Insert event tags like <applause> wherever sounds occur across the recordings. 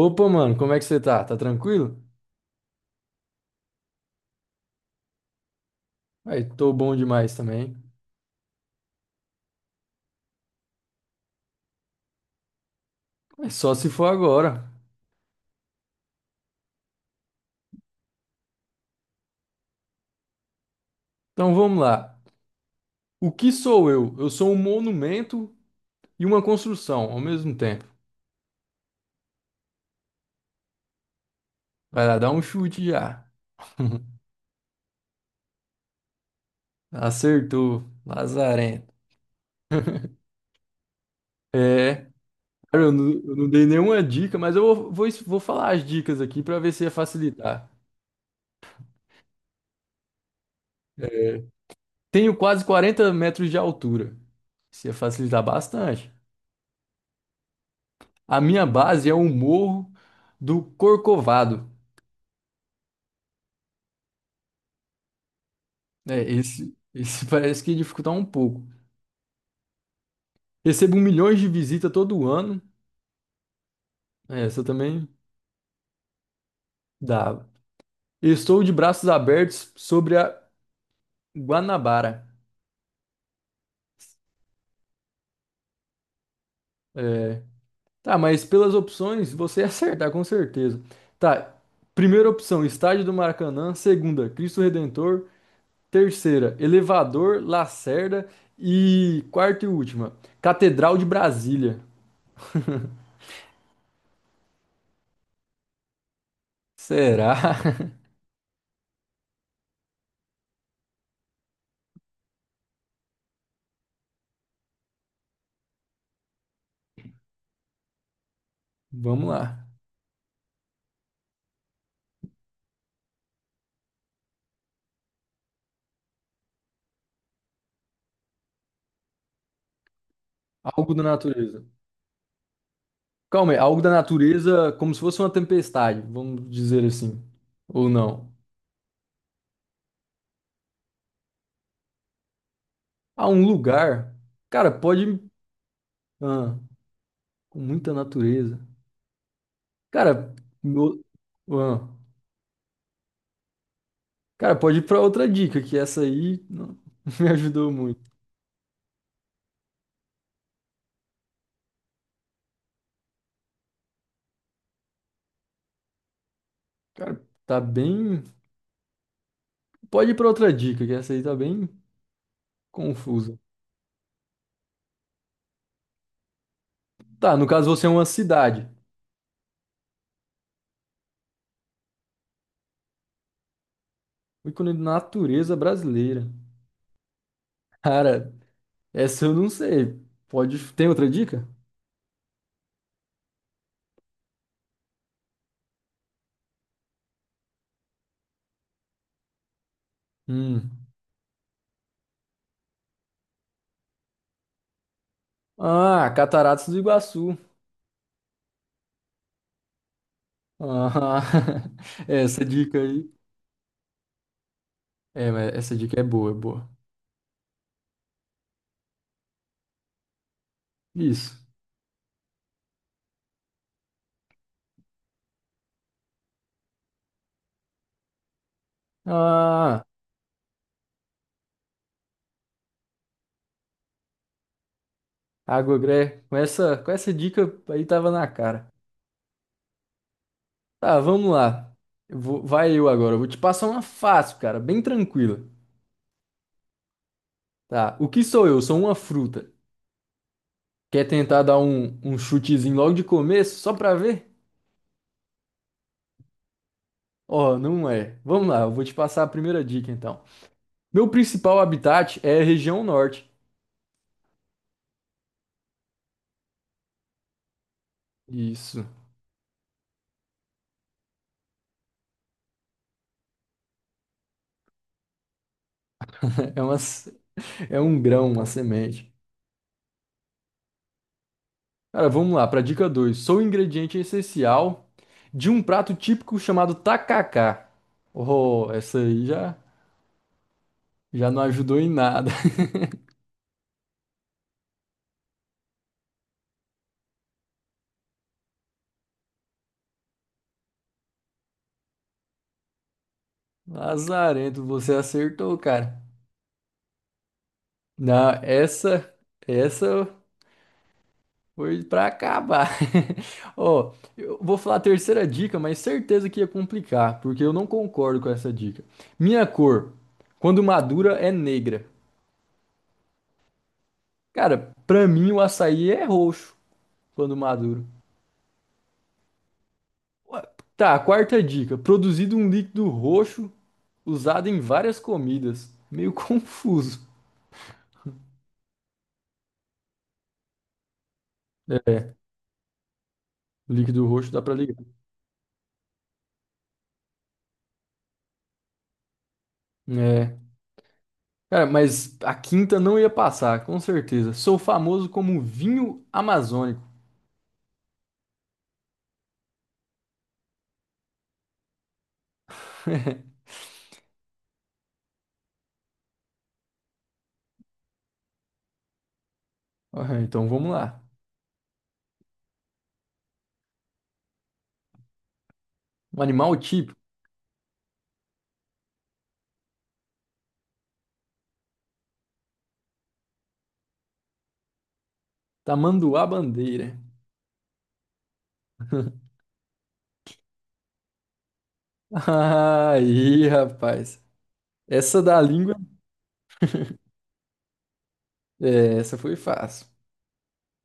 Opa, mano, como é que você tá? Tá tranquilo? Aí, tô bom demais também. Mas só se for agora. Então vamos lá. O que sou eu? Eu sou um monumento e uma construção ao mesmo tempo. Vai lá, dá um chute já. Acertou, lazarento. É, cara, eu não dei nenhuma dica, mas eu vou falar as dicas aqui pra ver se ia facilitar. É, tenho quase 40 metros de altura. Isso ia facilitar bastante. A minha base é o Morro do Corcovado. É, esse <laughs> parece que dificulta um pouco. Recebo milhões de visitas todo ano. É, essa também dava. Estou de braços abertos sobre a Guanabara. É, tá, mas pelas opções você ia acertar, com certeza. Tá, primeira opção, Estádio do Maracanã. Segunda, Cristo Redentor. Terceira, Elevador, Lacerda. E quarta e última, Catedral de Brasília. Será? <laughs> Vamos lá. Algo da natureza. Calma aí, algo da natureza, como se fosse uma tempestade, vamos dizer assim. Ou não. Ah, um lugar. Cara, pode. Ah, com muita natureza. Cara, no... ah, cara, pode ir pra outra dica, que essa aí não <laughs> me ajudou muito. Cara, tá bem. Pode ir pra outra dica, que essa aí tá bem confusa. Tá, no caso você é uma cidade. O ícone de natureza brasileira. Cara, essa eu não sei. Pode. Tem outra dica? Hum. Ah, Cataratas do Iguaçu. Ah, <laughs> essa dica aí. É, mas essa dica é boa, é boa. Isso. Ah, água gré. Com essa dica aí tava na cara. Tá, vamos lá. Vai eu agora. Eu vou te passar uma fácil, cara, bem tranquila. Tá. O que sou eu? Sou uma fruta. Quer tentar dar um chutezinho logo de começo, só pra ver? Ó, não é. Vamos lá, eu vou te passar a primeira dica então. Meu principal habitat é a região norte. Isso. <laughs> É uma, É um grão, uma semente. Cara, vamos lá, para dica 2. Sou um ingrediente essencial de um prato típico chamado tacacá. Oh, essa aí já não ajudou em nada. <laughs> Lazarento, você acertou, cara. Não, essa foi pra acabar. <laughs> Ó, eu vou falar a terceira dica, mas certeza que ia complicar, porque eu não concordo com essa dica. Minha cor, quando madura, é negra. Cara, pra mim o açaí é roxo, quando maduro. Ué, tá, quarta dica. Produzido um líquido roxo usado em várias comidas. Meio <laughs> confuso. É, líquido roxo dá pra ligar. É. Cara, mas a quinta não ia passar, com certeza. Sou famoso como vinho amazônico. <laughs> Então vamos lá. Um animal típico, tamanduá bandeira. <laughs> Aí, rapaz. Essa da língua, é, essa foi fácil.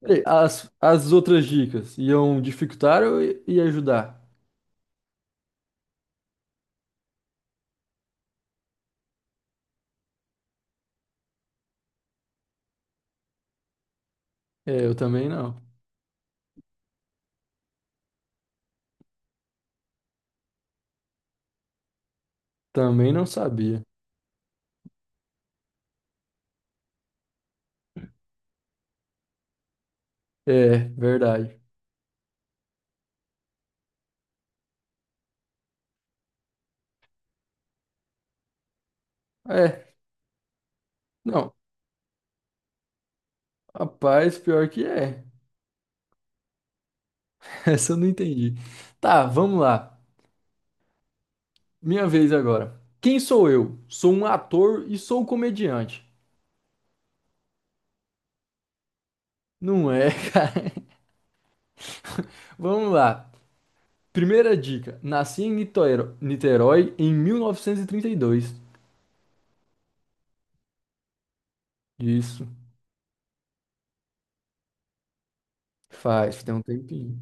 Peraí, as outras dicas iam dificultar ou ia ajudar? É, eu também não. Também não sabia. É, verdade. É, não. Rapaz, pior que é. <laughs> Essa eu não entendi. Tá, vamos lá. Minha vez agora. Quem sou eu? Sou um ator e sou um comediante. Não é, <laughs> cara. Vamos lá. Primeira dica. Nasci em Niterói em mil novecentos e trinta e dois. Isso. Faz, tem um tempinho.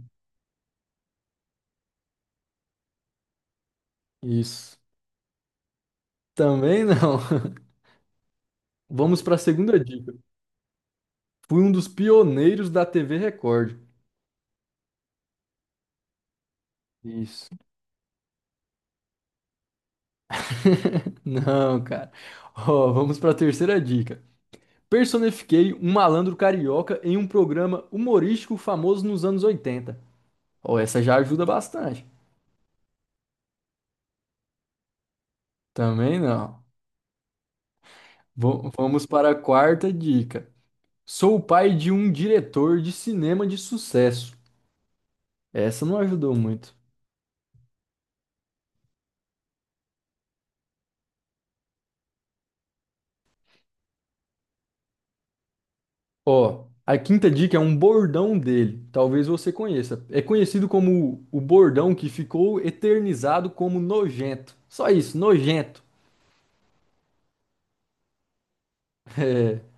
Isso. Também não. <laughs> Vamos para a segunda dica. Fui um dos pioneiros da TV Record. Isso. <laughs> Não, cara. Ó, vamos para a terceira dica. Personifiquei um malandro carioca em um programa humorístico famoso nos anos 80. Ó, essa já ajuda bastante. Também não. Vamos para a quarta dica. Sou o pai de um diretor de cinema de sucesso. Essa não ajudou muito. Ó, a quinta dica é um bordão dele. Talvez você conheça. É conhecido como o bordão que ficou eternizado como nojento. Só isso, nojento. <laughs> É.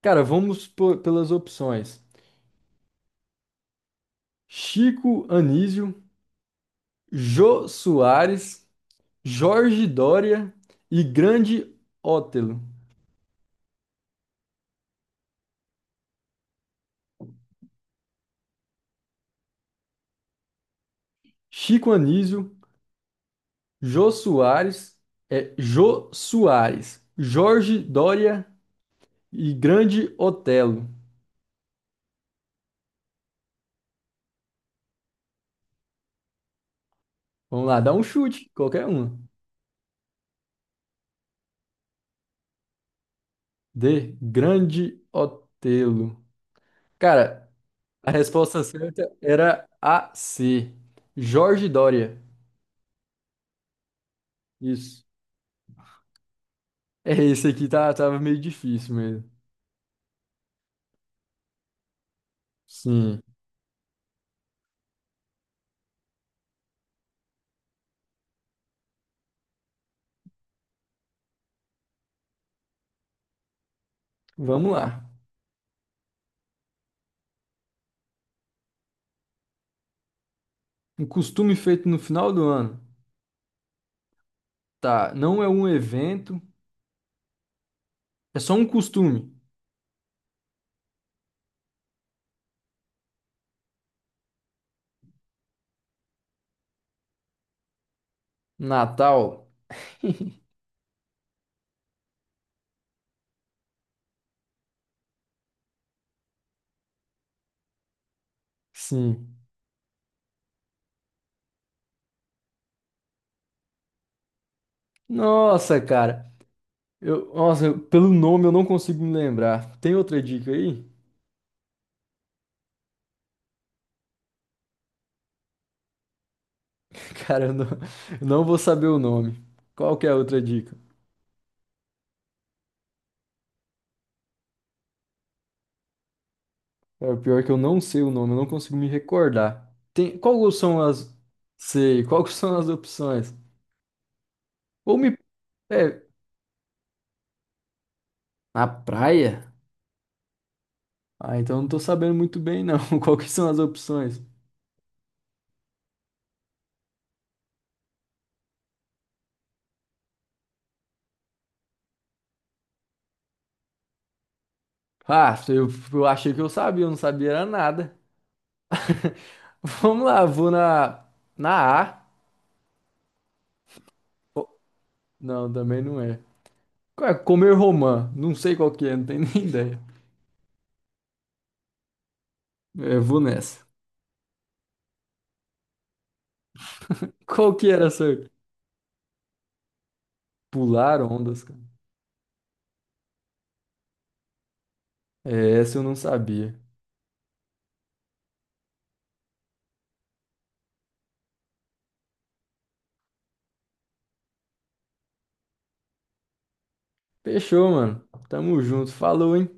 Cara, vamos pelas opções: Chico Anísio, Jô Soares, Jorge Dória e Grande Otelo. Chico Anísio, Jô Soares, é Jô Soares, Jorge Dória e Grande Otelo. Vamos lá, dá um chute, qualquer um. D. Grande Otelo. Cara, a resposta certa era a C. Jorge Dória. Isso. É, esse aqui tava meio difícil mesmo. Sim. Vamos lá. Um costume feito no final do ano. Tá, não é um evento, é só um costume. Natal? Sim. Nossa, cara. Pelo nome eu não consigo me lembrar. Tem outra dica aí? <laughs> Cara, eu não vou saber o nome. Qual que é a outra dica? É, o pior é que eu não sei o nome, eu não consigo me recordar. Tem, qual são as. Sei, <laughs> quais são as opções? Ou me. É, na praia? Ah, então eu não tô sabendo muito bem, não. <laughs> Qual que são as opções? Ah, eu achei que eu sabia, eu não sabia era nada. <laughs> Vamos lá, vou na. Na A. Oh, não, também não é. Qual é? Comer romã. Não sei qual que é, não tenho <laughs> nem ideia. É, vou nessa. Qual que era essa? Pular ondas, cara. É, essa eu não sabia. Fechou, mano. Tamo junto. Falou, hein?